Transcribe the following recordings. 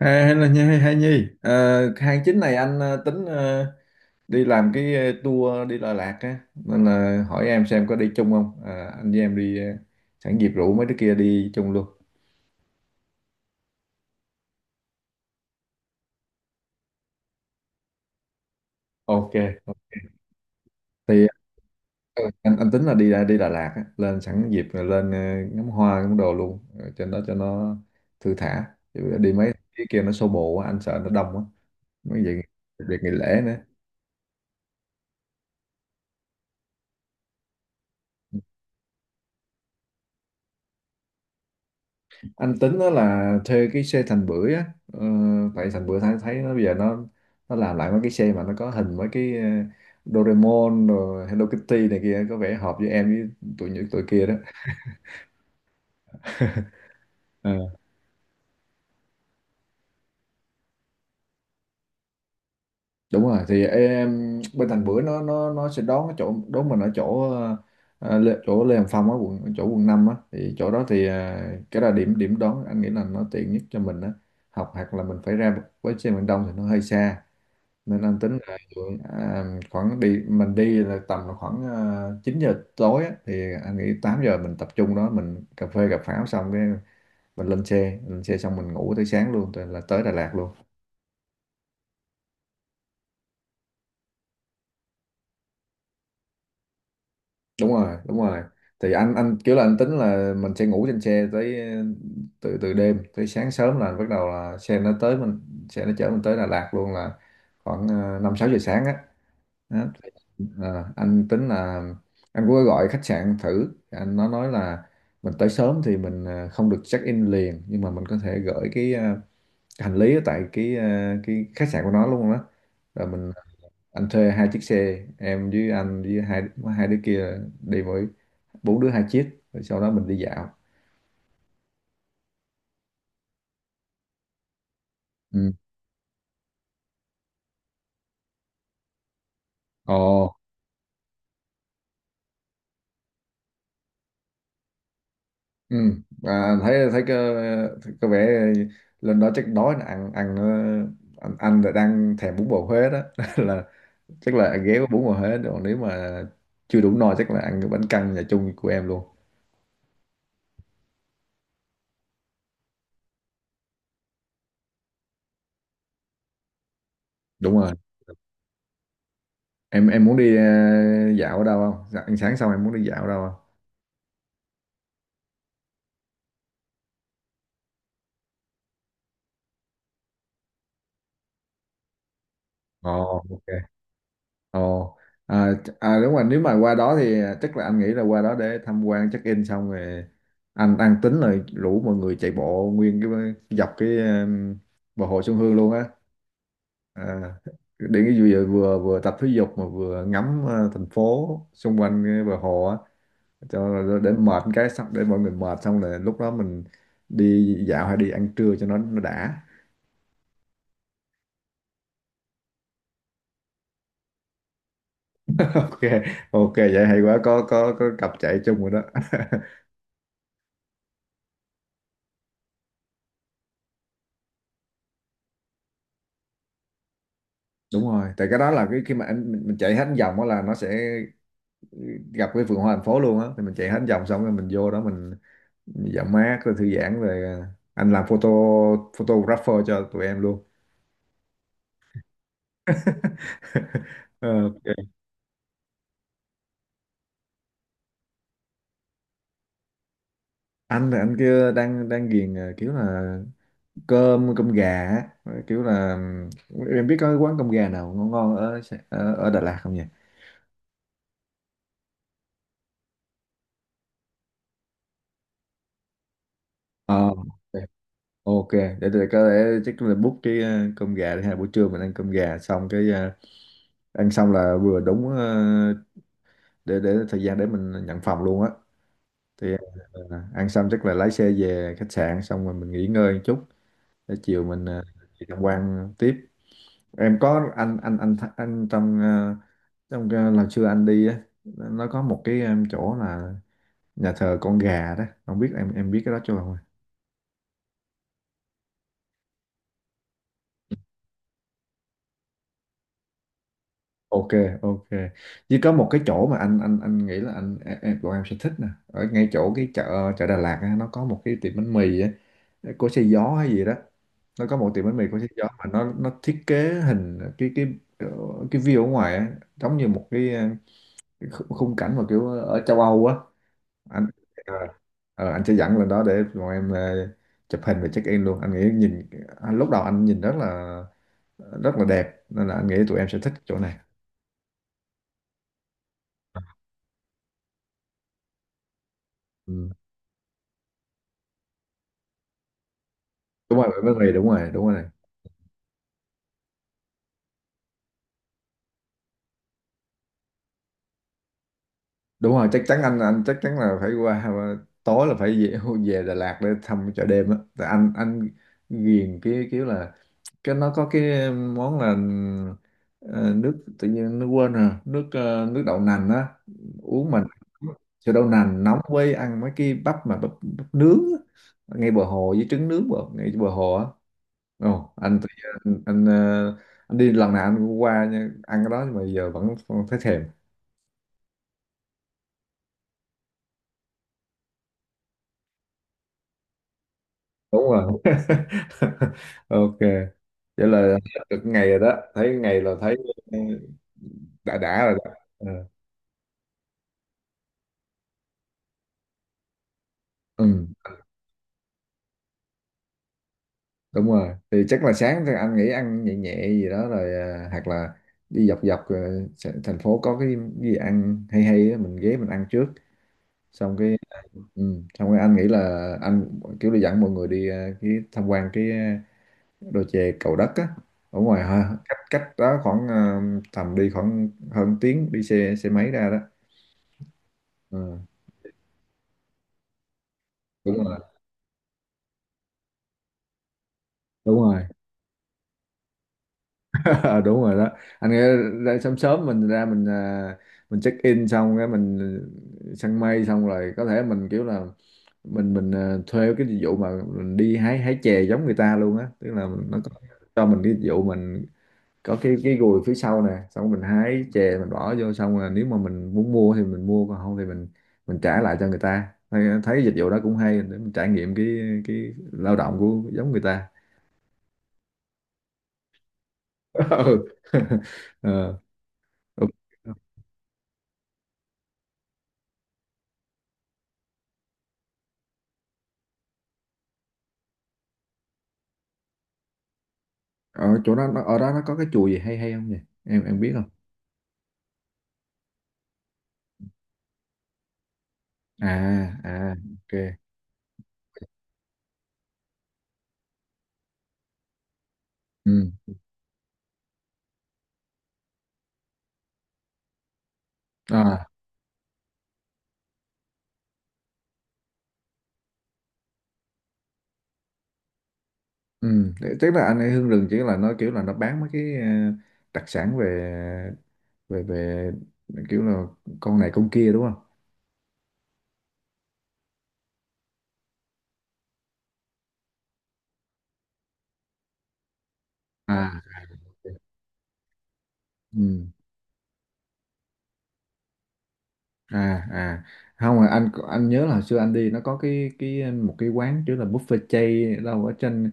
À, hay là Nhi, hay Nhi. Ờ, Tháng 9 này anh tính đi làm cái tour đi Đà Lạt á nên là hỏi em xem có đi chung không. À, anh với em đi sẵn dịp rủ mấy đứa kia đi chung luôn. Ok. Thì anh tính là đi đi Đà Lạt á, lên sẵn dịp rồi lên ngắm hoa ngắm đồ luôn. Ờ, Trên đó cho nó thư thả. Chứ đi mấy cái kia nó xô bồ quá, anh sợ nó đông quá. Mấy vậy việc nghỉ lễ nữa. Anh tính đó là thuê cái xe Thành Bưởi á, ờ, tại Thành Bưởi thấy thấy nó bây giờ nó làm lại mấy cái xe mà nó có hình mấy cái Doraemon rồi Hello Kitty này kia, có vẻ hợp với em với tụi những tụi kia đó. Ờ. Đúng rồi, thì em bên Thành Bưởi nó sẽ đón, cái chỗ đón mình ở chỗ chỗ Lê Hồng Phong á, quận 5 á, thì chỗ đó thì cái là điểm điểm đón, anh nghĩ là nó tiện nhất cho mình á, học hoặc là mình phải ra với xe miền Đông thì nó hơi xa, nên anh tính là à, khoảng đi mình đi là tầm khoảng 9 giờ tối á, thì anh nghĩ 8 giờ mình tập trung đó, mình cà phê cà pháo xong cái mình lên xe xong mình ngủ tới sáng luôn, tới là tới Đà Lạt luôn. Đúng rồi, đúng rồi, thì anh kiểu là anh tính là mình sẽ ngủ trên xe tới ờ, từ từ đêm tới sáng sớm là bắt đầu là xe nó tới mình, xe nó chở mình tới Đà Lạt luôn, là khoảng 5 6 giờ sáng á. Đó. Anh tính là anh cũng có gọi khách sạn thử, anh nó nói là mình tới sớm thì mình không được check in liền, nhưng mà mình có thể gửi cái hành lý ở tại cái khách sạn của nó luôn đó, rồi mình anh thuê hai chiếc xe, em với anh với hai hai đứa kia, đi mỗi bốn đứa hai chiếc, rồi sau đó mình đi dạo. Ừ. Ồ. Ừ. À, thấy thấy có vẻ lên đó chắc đói nè, ăn ăn ờ, anh là đang thèm bún bò Huế đó là chắc là ăn ghé có bún bò Huế rồi, nếu mà chưa đủ no chắc là ăn cái bánh căn nhà chung của em luôn. Đúng rồi. Em muốn đi dạo ở đâu không? Dạ, ăn sáng xong em muốn đi dạo ở đâu không? Ồ, ok. ồ à, ch- à, Đúng rồi, nếu mà qua đó thì chắc là anh nghĩ là qua đó để tham quan check in xong rồi anh tính là rủ mọi người chạy bộ nguyên cái, dọc cái bờ hồ Xuân Hương luôn á, à, để cái vừa vừa vừa tập thể dục mà vừa ngắm thành phố xung quanh cái bờ hồ á, cho để mệt cái xong, để mọi người mệt xong là lúc đó mình đi dạo hay đi ăn trưa cho nó đã. Ok, ok, vậy hay quá, có có cặp chạy chung rồi đó. Đúng rồi, tại cái đó là cái khi mà mình chạy hết vòng đó là nó sẽ gặp cái vườn hoa thành phố luôn á, thì mình chạy hết vòng xong rồi mình vô đó mình dạo mát rồi thư giãn rồi anh làm photographer cho tụi em luôn. Ờ, ok. Anh là anh kia đang đang ghiền kiểu là cơm cơm gà á. Rồi kiểu là em biết có cái quán cơm gà nào ngon ngon ở ở Đà Lạt không nhỉ? Ờ, ok. Ok, để tôi có thể chắc là book cái cơm gà đi ha, buổi trưa mình ăn cơm gà xong cái ăn xong là vừa đúng để thời gian để mình nhận phòng luôn á, thì ờ, ăn xong chắc là lái xe về khách sạn xong rồi mình nghỉ ngơi một chút để chiều mình đi tham quan tiếp. Em có, anh trong cái lần xưa anh đi á, nó có một cái, em, chỗ là nhà thờ con gà đó, không biết em biết cái đó chưa không? Ok. Ok. Chỉ có một cái chỗ mà anh nghĩ là bọn em sẽ thích nè, ở ngay chỗ cái chợ chợ Đà Lạt á, nó có một cái tiệm bánh mì á, của xe gió hay gì đó, nó có một tiệm bánh mì của xe gió mà nó thiết kế hình ờ, cái view ở ngoài á, giống như một cái khung cảnh mà kiểu ở châu Âu á. anh Ờ, anh sẽ dẫn lên đó để bọn em chụp hình và check in luôn, anh nghĩ nhìn, anh, lúc đầu anh nhìn rất là đẹp, nên là anh nghĩ tụi em sẽ thích chỗ này. Ừ. Đúng rồi, bởi vì đúng rồi, đúng rồi, đúng rồi, chắc chắn, anh chắc chắn là phải qua, tối là phải về Đà Lạt để thăm chợ đêm á. Tại anh ghiền cái kiểu là cái nó có cái món là ờ, nước tự nhiên nó quên rồi, nước đậu nành á uống, mà sữa đậu nành nóng với ăn mấy cái bắp mà bắp nướng á, ngay bờ hồ, với trứng nướng ngay bờ hồ á. Ồ, anh, tự nhiên- anh ờ, anh đi lần nào anh cũng qua nha, ăn cái đó, nhưng mà giờ vẫn thấy thèm. Đúng rồi. Ok, vậy là hết được ngày rồi đó, thấy ngày là thấy ờ, đã rồi đó. Ờ. Ừ. Đúng rồi, thì chắc là sáng thì anh nghĩ ăn nhẹ nhẹ gì đó rồi, hoặc là đi dọc dọc ờ, s- thành phố có cái gì ăn hay hay á, mình ghé mình ăn trước xong cái, xong cái anh nghĩ là anh kiểu đi dẫn mọi người đi cái tham quan cái đồi chè Cầu Đất á, ở ngoài ha, cách cách đó khoảng tầm đi khoảng hơn tiếng đi xe xe máy ra đó. Ừ, đúng rồi, đúng rồi. Đúng rồi đó, anh nghĩ ra sớm sớm mình ra, mình check in xong cái mình săn mây xong rồi, có thể mình kiểu là thuê cái dịch vụ mà mình đi hái hái chè giống người ta luôn á, tức là mình, nó có, cho mình cái dịch vụ, mình có cái gùi phía sau nè, xong mình hái chè mình bỏ vô, xong rồi nếu mà mình muốn mua thì mình mua, còn không thì mình trả lại cho người ta, thấy dịch vụ đó cũng hay, để mình trải nghiệm cái lao động của giống người ta. Ừ. Ờ. Ừ. Ở chỗ đó ở đó nó có cái chùa gì hay hay không nhỉ? Em biết không? À. À. Ok. Ừ. À. Ừ. Tức là anh ấy Hương Rừng chỉ là nó kiểu là nó bán mấy cái đặc sản về về về kiểu là con này con kia, đúng không? À. Ừ. À. À. Không, mà anh nhớ là hồi xưa anh đi nó có cái một cái quán kiểu là buffet chay đâu ở trên.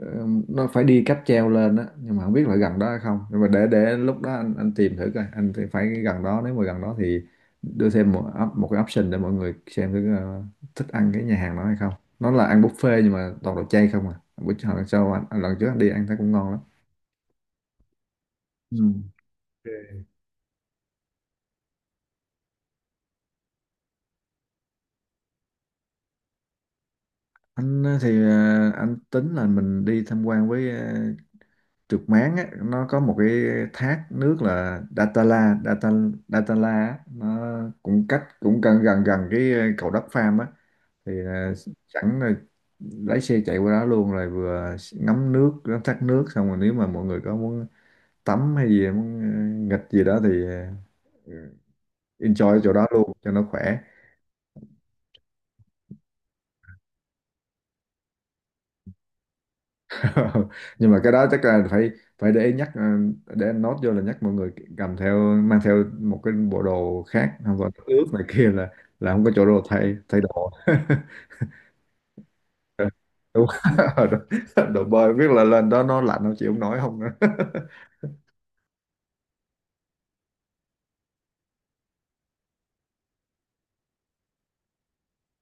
Ờ, nó phải đi cáp treo lên á, nhưng mà không biết là gần đó hay không. Nhưng mà để lúc đó anh tìm thử coi, anh thì phải gần đó, nếu mà gần đó thì đưa thêm một cái option để mọi người xem thử thích ăn cái nhà hàng đó hay không. Nó là ăn buffet nhưng mà toàn đồ chay không à, bữa lần sau anh lần trước anh đi ăn thấy cũng ngon lắm. Ừ. Ok. Anh anh tính là mình đi tham quan với trượt máng á. Nó có một cái thác nước là Datala á. Nó cũng cách cũng gần gần gần cái cầu Đất Pham á, thì à, sẵn là lái xe chạy qua đó luôn, rồi vừa ngắm thác nước, xong rồi nếu mà mọi người có muốn tắm hay gì, muốn nghịch gì đó thì enjoy ở chỗ đó luôn cho nó khỏe. Nhưng mà cái đó chắc là phải phải để ý nhắc, để anh nốt vô là nhắc mọi người cầm theo, mang theo một cái bộ đồ khác không còn ướt này kia, là không có chỗ đồ thay thay đồ. Đúng. Đồ bơi, biết là lên đó nó lạnh không chịu không nổi không nữa.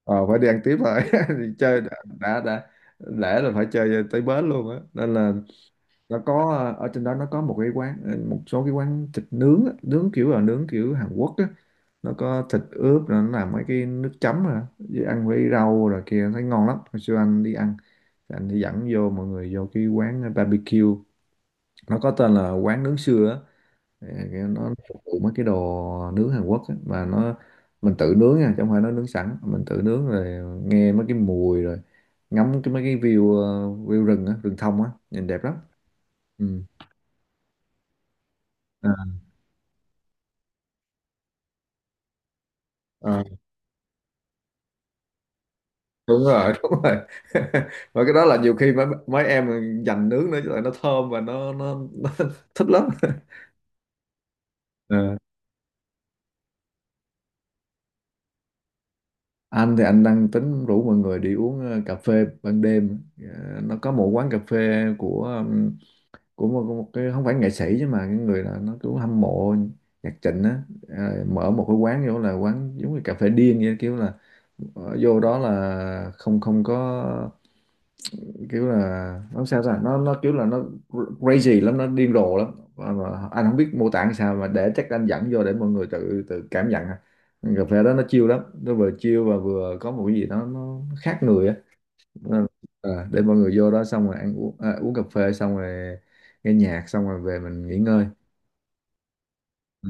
Ờ, phải đi ăn tiếp rồi. Thì chơi đã, đã lẽ là phải chơi tới bến luôn á, nên là nó có ở trên đó nó có một cái quán một số cái quán thịt nướng á, nướng kiểu Hàn Quốc á. Nó có thịt ướp rồi nó làm mấy cái nước chấm rồi đó, với ăn với rau rồi kia, thấy ngon lắm. Hồi xưa anh đi ăn thì anh đi dẫn mọi người vô cái quán barbecue, nó có tên là quán nướng sưa á. Nó phục vụ mấy cái đồ nướng Hàn Quốc á, mà nó mình tự nướng nha, chứ không phải nó nướng sẵn. Mình tự nướng rồi nghe mấy cái mùi, rồi ngắm cái mấy cái view, view rừng á, rừng thông á, nhìn đẹp lắm. Ừ. À. Ờ, đúng rồi, đúng rồi. Và cái đó là nhiều khi mấy mấy em dành nướng nữa chứ lại, nó thơm và nó thích lắm. Ờ. Anh thì anh đang tính rủ mọi người đi uống cà phê ban đêm. Ờ, nó có một quán cà phê của một cái, không phải nghệ sĩ chứ, mà cái người là nó cứ hâm mộ nhạc Trịnh á. Ờ, mở một cái quán, vô là quán giống như cà phê điên vậy, kiểu là vô đó là không không có, kiểu là nó sao ta, nó kiểu là nó crazy lắm, nó điên rồ lắm. Mà anh không biết mô tả làm sao, mà để chắc anh dẫn vô để mọi người tự tự cảm nhận ha. Cà phê đó nó chill lắm, nó vừa chill và vừa có một cái gì đó nó khác người á. Nên- À, để mọi người vô đó xong rồi ăn uống, à, uống cà phê xong rồi nghe nhạc, xong rồi về mình nghỉ ngơi. Ừ.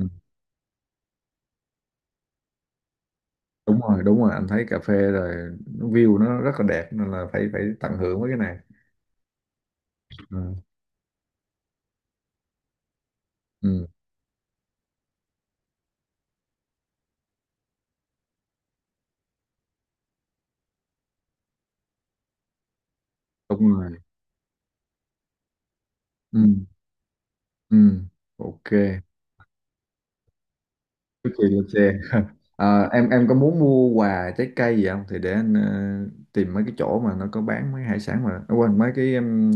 Đúng rồi, đúng rồi, anh thấy cà phê rồi, nó view nó rất là đẹp, nên là phải phải tận hưởng với cái này. Ừ. Ừ. Đúng rồi. Ừ. Ừ. Ok. Trước khi lên xe, ờ, em có muốn mua quà trái cây gì không, thì để anh tìm mấy cái chỗ mà nó có bán mấy hải sản, mà ờ, quên, mấy cái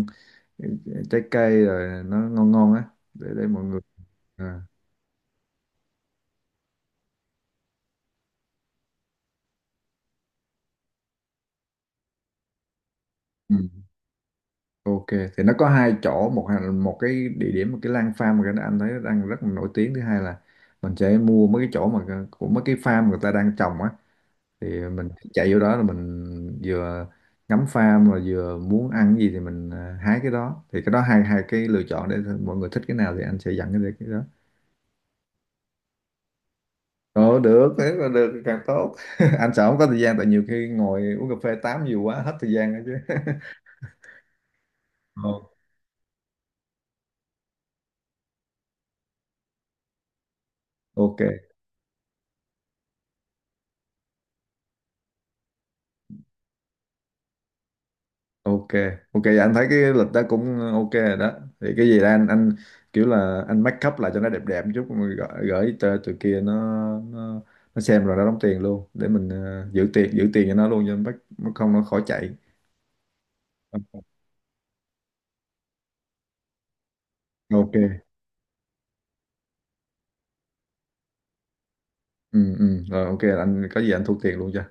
trái cây rồi, nó ngon ngon á, để mọi người. À. Ừ. Ok, thì nó có hai chỗ, một một cái địa điểm, một cái Lan Farm, mà cái đó anh thấy nó đang rất là nổi tiếng. Thứ hai là mình sẽ mua mấy cái chỗ mà của mấy cái farm người ta đang trồng á, thì mình chạy vô đó là mình vừa ngắm farm, rồi vừa muốn ăn cái gì thì mình à, hái cái đó. Thì cái đó hai hai cái lựa chọn để mọi người thích cái nào thì anh sẽ dặn cái đó. Ồ, được, thế là được thì càng tốt. Anh sợ không có thời gian, tại nhiều khi ngồi uống cà phê tám nhiều quá, hết thời gian đó chứ. Ồ. Ok. Ok. Ok, dạ anh thấy cái lịch đó cũng ok rồi đó, thì cái gì đó anh kiểu là anh make up lại cho nó đẹp đẹp một chút, rồi gửi, gửi cho tụi kia, nó nó nó xem rồi nó đóng tiền luôn, để mình giữ tiền, cho nó luôn cho bắt, không nó khỏi chạy. Ok. Ừ rồi, ok, anh có gì anh thu tiền luôn cho.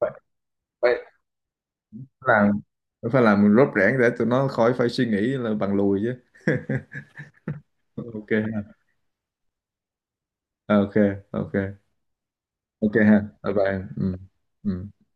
Phải phải làm, phải làm rốt rẽn để tụi nó khỏi phải suy nghĩ là bằng lùi chứ. Ok ha. Ok. Ok. Ok ha. Bye bye em. Ừ. Ừ.